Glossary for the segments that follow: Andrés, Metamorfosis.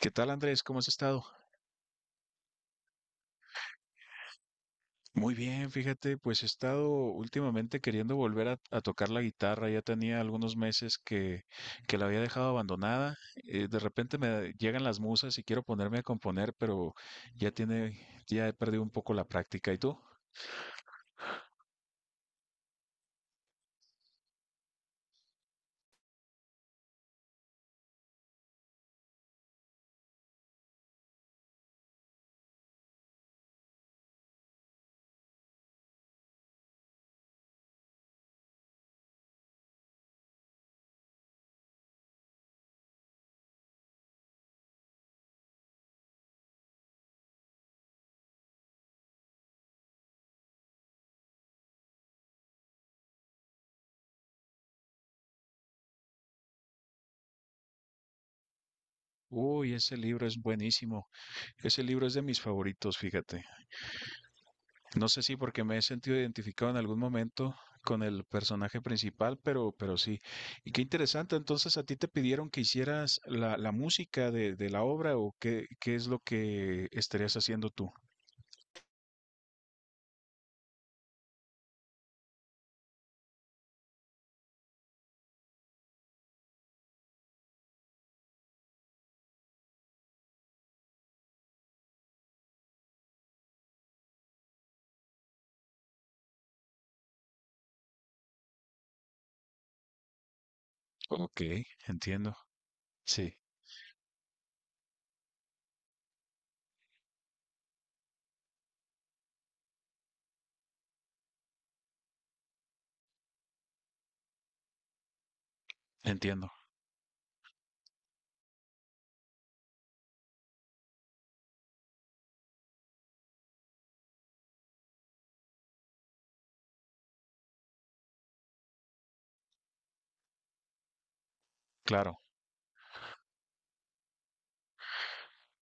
¿Qué tal, Andrés? ¿Cómo has estado? Muy bien, fíjate, pues he estado últimamente queriendo volver a tocar la guitarra. Ya tenía algunos meses que la había dejado abandonada. De repente me llegan las musas y quiero ponerme a componer, pero ya tiene, ya he perdido un poco la práctica. ¿Y tú? Uy, ese libro es buenísimo. Ese libro es de mis favoritos, fíjate. No sé si porque me he sentido identificado en algún momento con el personaje principal, pero sí. Y qué interesante, entonces a ti te pidieron que hicieras la música de la obra o qué es lo que estarías haciendo tú. Ok, entiendo. Sí, entiendo. Claro.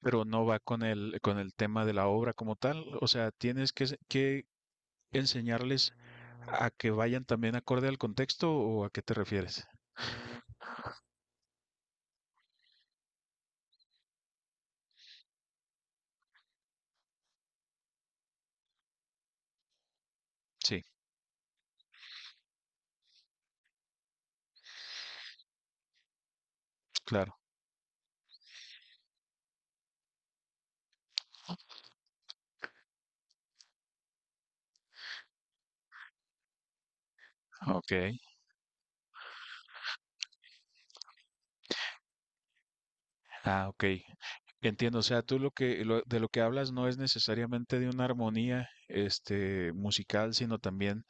Pero no va con el tema de la obra como tal. O sea, tienes que enseñarles a que vayan también acorde al contexto o a qué te refieres. Sí, claro. Ok. Ah, ok. Entiendo, o sea, tú de lo que hablas no es necesariamente de una armonía este musical, sino también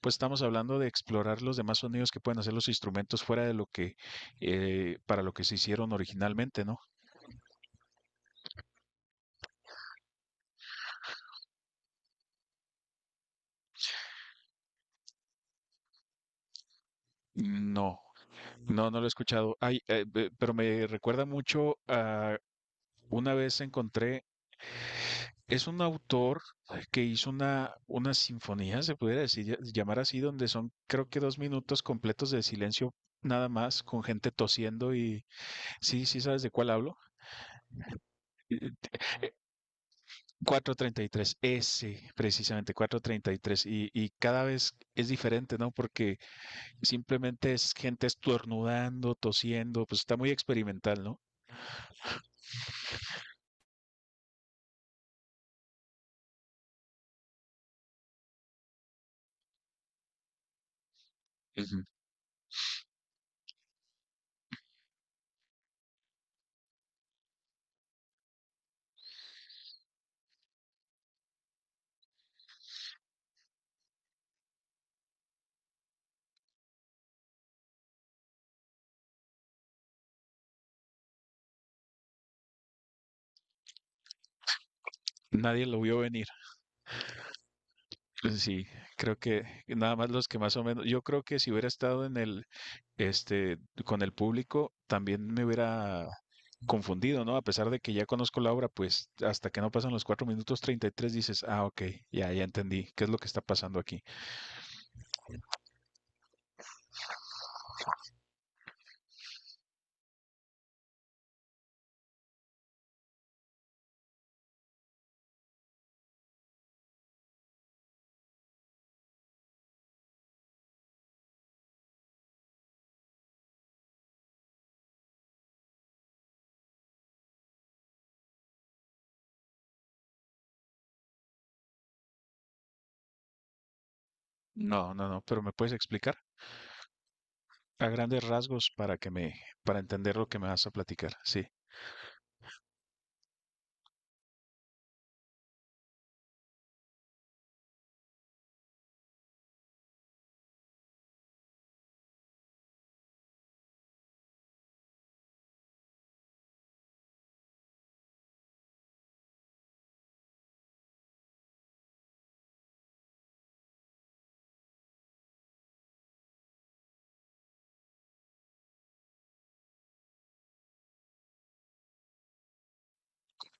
pues estamos hablando de explorar los demás sonidos que pueden hacer los instrumentos fuera de lo que para lo que se hicieron originalmente, ¿no? No, no, no lo he escuchado. Ay, pero me recuerda mucho a una vez encontré. Es un autor que hizo una sinfonía, se pudiera decir, llamar así, donde son creo que 2 minutos completos de silencio nada más, con gente tosiendo y sí, sí sabes de cuál hablo. Cuatrocientos treinta y tres ese, precisamente, 433. Y, tres. Y cada vez es diferente, ¿no? Porque simplemente es gente estornudando, tosiendo, pues está muy experimental, ¿no? Ujú. Nadie lo vio venir. Sí, creo que nada más los que más o menos, yo creo que si hubiera estado en el, este, con el público, también me hubiera confundido, ¿no? A pesar de que ya conozco la obra, pues hasta que no pasan los 4 minutos 33 dices, ah, ok, ya, ya entendí. ¿Qué es lo que está pasando aquí? No, no, no, pero ¿me puedes explicar a grandes rasgos para entender lo que me vas a platicar? Sí.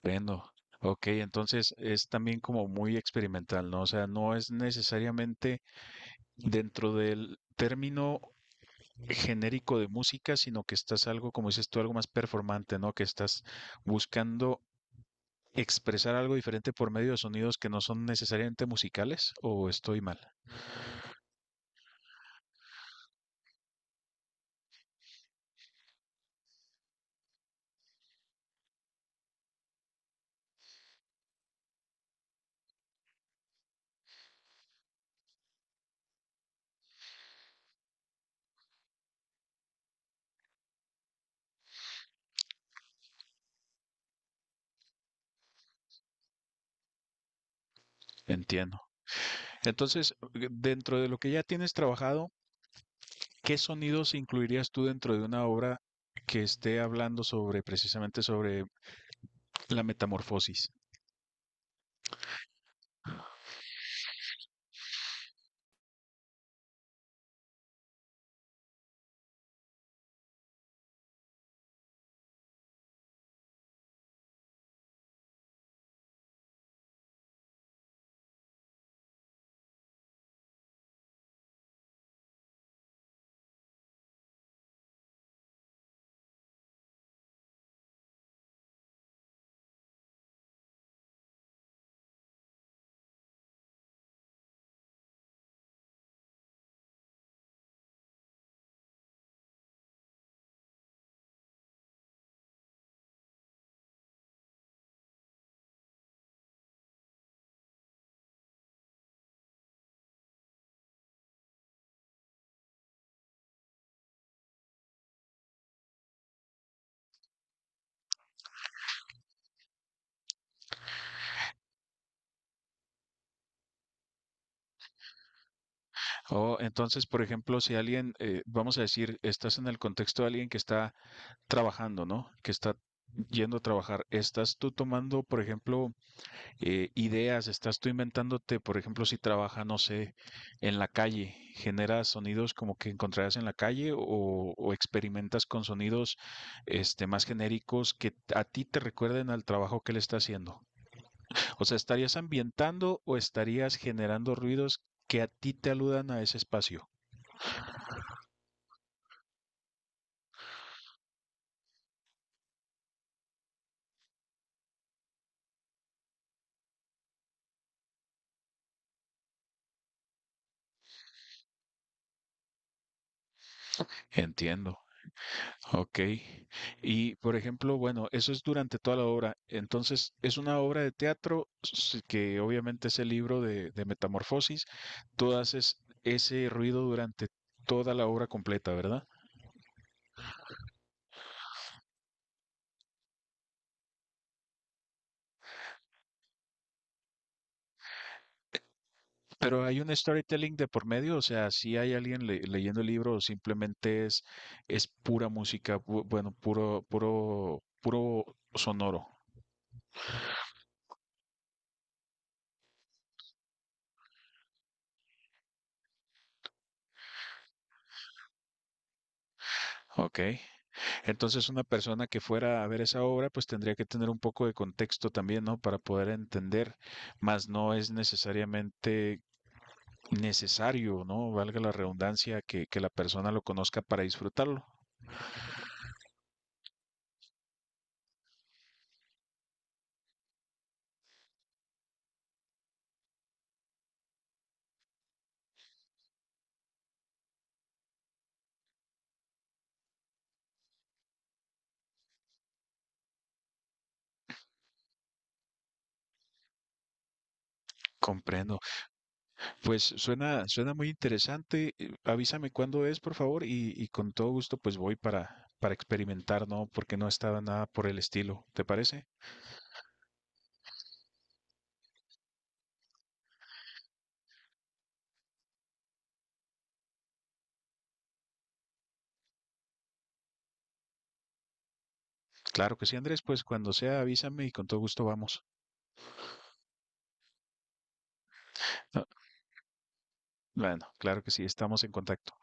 Bueno, ok, entonces es también como muy experimental, ¿no? O sea, no es necesariamente dentro del término genérico de música, sino que estás algo, como dices tú, algo más performante, ¿no? Que estás buscando expresar algo diferente por medio de sonidos que no son necesariamente musicales, o estoy mal, entiendo. Entonces, dentro de lo que ya tienes trabajado, ¿qué sonidos incluirías tú dentro de una obra que esté hablando sobre precisamente sobre la metamorfosis? O entonces, por ejemplo, si alguien, vamos a decir, estás en el contexto de alguien que está trabajando, ¿no? Que está yendo a trabajar. Estás tú tomando, por ejemplo, ideas, estás tú inventándote, por ejemplo, si trabaja, no sé, en la calle, generas sonidos como que encontrarás en la calle o experimentas con sonidos este, más genéricos que a ti te recuerden al trabajo que le está haciendo. O sea, ¿estarías ambientando o estarías generando ruidos que a ti te aludan a ese espacio? Entiendo. Ok. Y por ejemplo, bueno, eso es durante toda la obra. Entonces, es una obra de teatro que obviamente es el libro de Metamorfosis. Tú haces ese ruido durante toda la obra completa, ¿verdad? Pero hay un storytelling de por medio, o sea, si hay alguien leyendo el libro o simplemente es pura música, bueno, puro, puro, puro sonoro. Ok. Entonces, una persona que fuera a ver esa obra, pues tendría que tener un poco de contexto también, ¿no? Para poder entender, más no es necesariamente necesario, ¿no? Valga la redundancia, que la persona lo conozca para disfrutarlo. Comprendo. Pues suena muy interesante. Avísame cuándo es, por favor, y con todo gusto, pues voy para experimentar, ¿no? Porque no estaba nada por el estilo. ¿Te parece? Claro que sí, Andrés, pues cuando sea avísame y con todo gusto vamos. Ah, bueno, claro que sí, estamos en contacto.